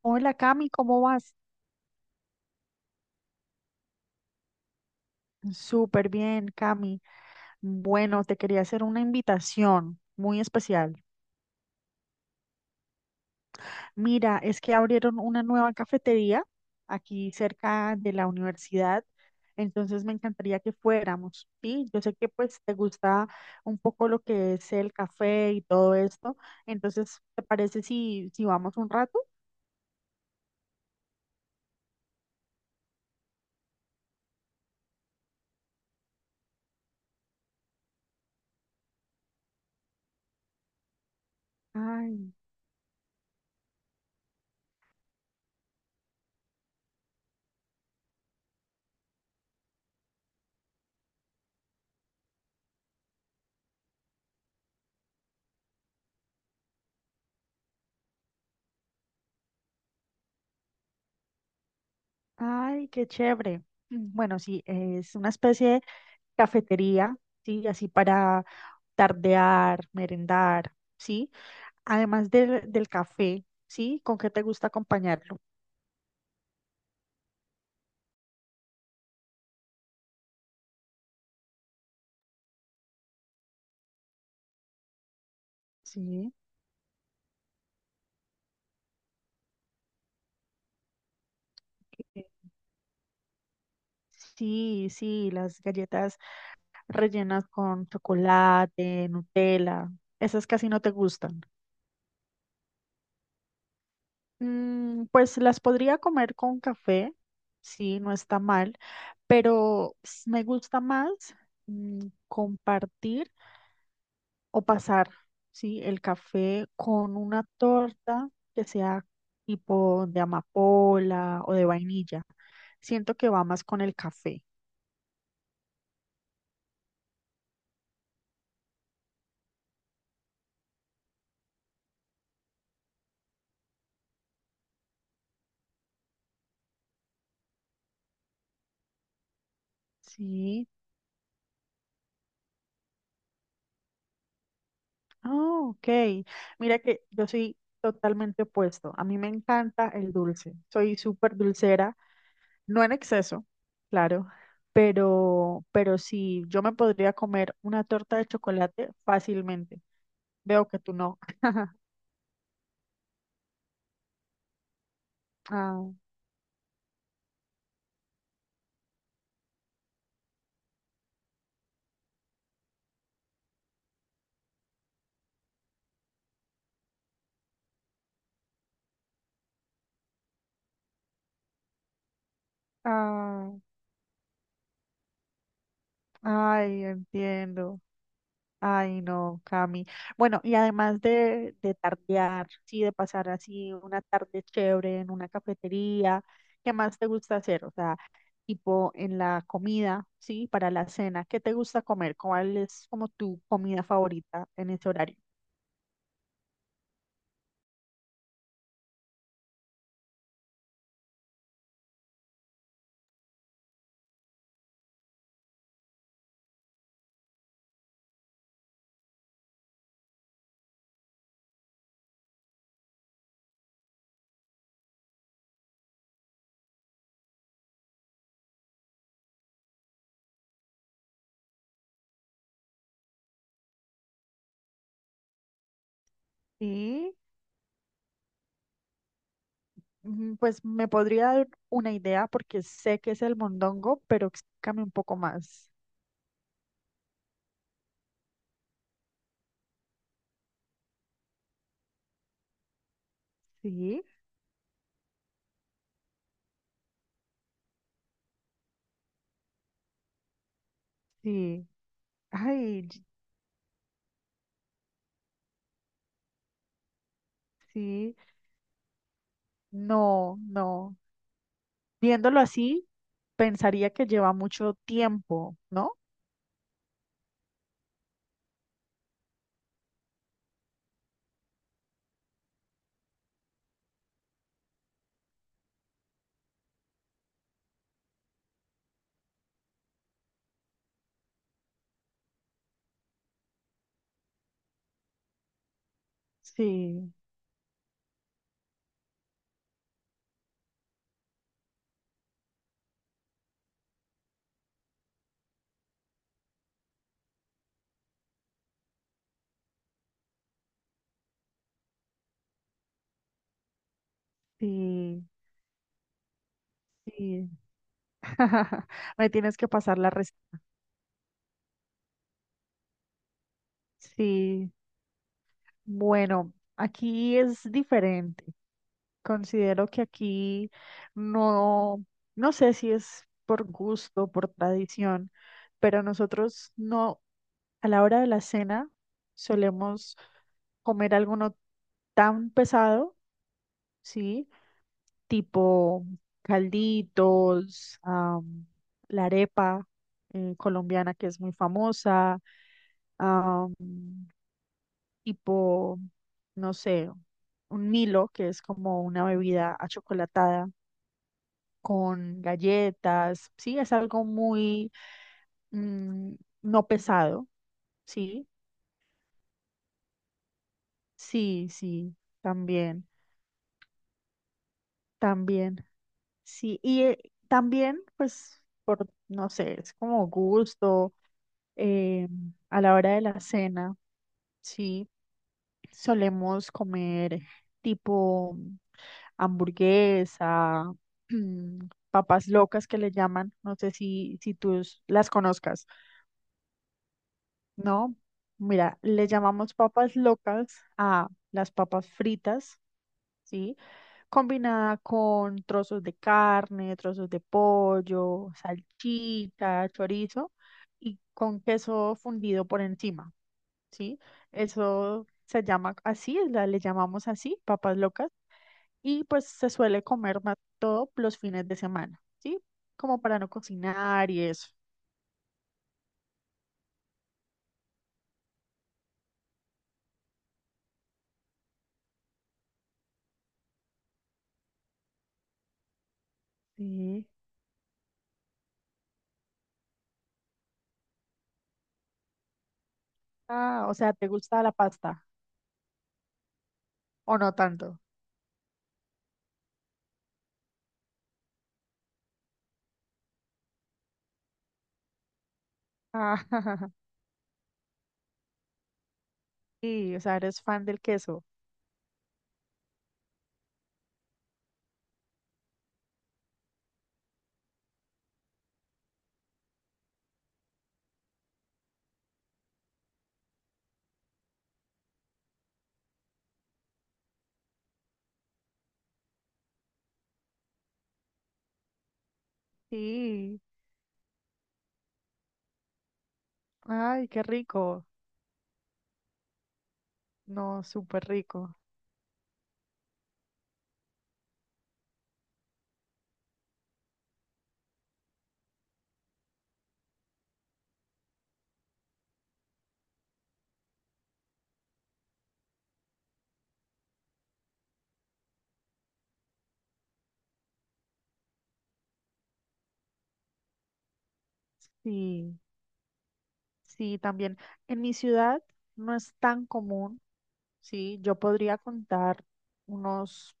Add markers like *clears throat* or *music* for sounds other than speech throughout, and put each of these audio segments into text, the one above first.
Hola Cami, ¿cómo vas? Súper bien, Cami. Bueno, te quería hacer una invitación muy especial. Mira, es que abrieron una nueva cafetería aquí cerca de la universidad, entonces me encantaría que fuéramos. Sí, yo sé que pues te gusta un poco lo que es el café y todo esto, entonces ¿te parece si vamos un rato? Ay, ay, qué chévere. Bueno, sí, es una especie de cafetería, sí, así para tardear, merendar, ¿sí? Además del café, ¿sí? ¿Con qué te gusta acompañarlo? Sí. Ok. Sí, sí, las galletas rellenas con chocolate, Nutella, esas casi no te gustan. Pues las podría comer con café, sí, no está mal, pero me gusta más compartir o pasar, ¿sí? El café con una torta que sea tipo de amapola o de vainilla. Siento que va más con el café, ¿sí? Ah, ok. Mira que yo soy totalmente opuesto. A mí me encanta el dulce. Soy súper dulcera, no en exceso, claro, pero sí, yo me podría comer una torta de chocolate fácilmente. Veo que tú no. Ah, ah, ay, entiendo. Ay, no, Cami. Bueno, y además de tardear, sí, de pasar así una tarde chévere en una cafetería, ¿qué más te gusta hacer? O sea, tipo en la comida, sí, para la cena, ¿qué te gusta comer? ¿Cuál es como tu comida favorita en ese horario? Sí, pues me podría dar una idea porque sé que es el mondongo, pero explícame un poco más. Sí, sí. Ay, sí. No, no. Viéndolo así, pensaría que lleva mucho tiempo, ¿no? Sí, sí, sí. *laughs* Me tienes que pasar la respuesta. Sí, bueno, aquí es diferente. Considero que aquí no, no sé si es por gusto, por tradición, pero nosotros no, a la hora de la cena solemos comer alguno tan pesado, ¿sí? Tipo calditos, la arepa colombiana que es muy famosa, am, tipo, no sé, un Milo que es como una bebida achocolatada con galletas, sí, es algo muy mm, no pesado, sí, sí, sí, también, también, sí, y también, pues, por, no sé, es como gusto. eh, a la hora de la cena, sí, solemos comer tipo hamburguesa, *clears throat* mm, papas locas que le llaman, no sé si tú las conozcas, ¿no? Mira, le llamamos papas locas a las papas fritas, ¿sí? Combinada con trozos de carne, trozos de pollo, salchicha, chorizo y con queso fundido por encima. ¿Sí? Eso se llama así, le llamamos así, papas locas, y pues se suele comer más todo los fines de semana, ¿sí? Como para no cocinar y eso. Sí. Ah, o sea, ¿te gusta la pasta o no tanto? Ah, *laughs* sí, o sea, eres fan del queso. Sí, ay, qué rico. No, súper rico. Sí, sí, también. En mi ciudad no es tan común. Sí, yo podría contar unos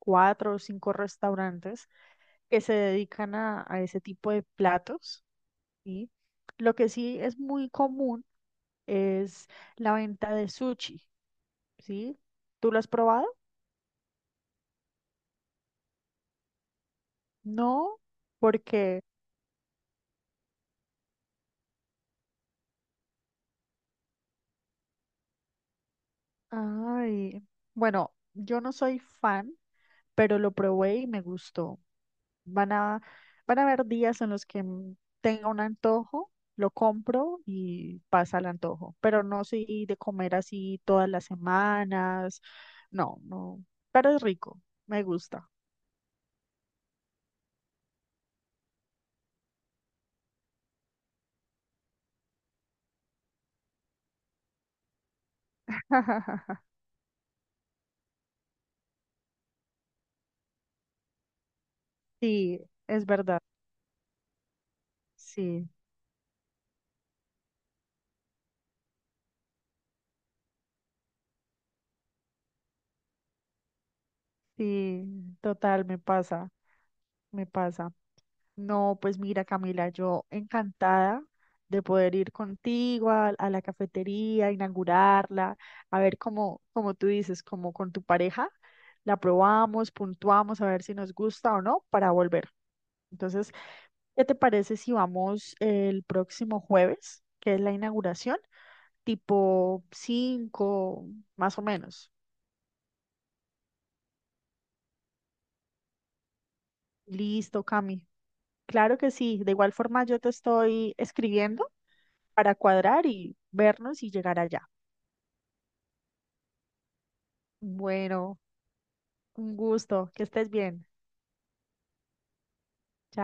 cuatro o cinco restaurantes que se dedican a ese tipo de platos, ¿sí? Lo que sí es muy común es la venta de sushi, ¿sí? ¿Tú lo has probado? No, porque, ay, bueno, yo no soy fan, pero lo probé y me gustó. Van a, van a haber días en los que tenga un antojo, lo compro y pasa el antojo, pero no soy de comer así todas las semanas, no, no, pero es rico, me gusta. *laughs* Sí, es verdad, sí, sí, total, me pasa, me pasa. No, pues mira, Camila, yo encantada de poder ir contigo a la cafetería, inaugurarla, a ver cómo, como tú dices, como con tu pareja, la probamos, puntuamos, a ver si nos gusta o no para volver. Entonces, ¿qué te parece si vamos el próximo jueves, que es la inauguración, tipo 5 más o menos? Listo, Cami. Claro que sí. De igual forma, yo te estoy escribiendo para cuadrar y vernos y llegar allá. Bueno, un gusto, que estés bien. Chao.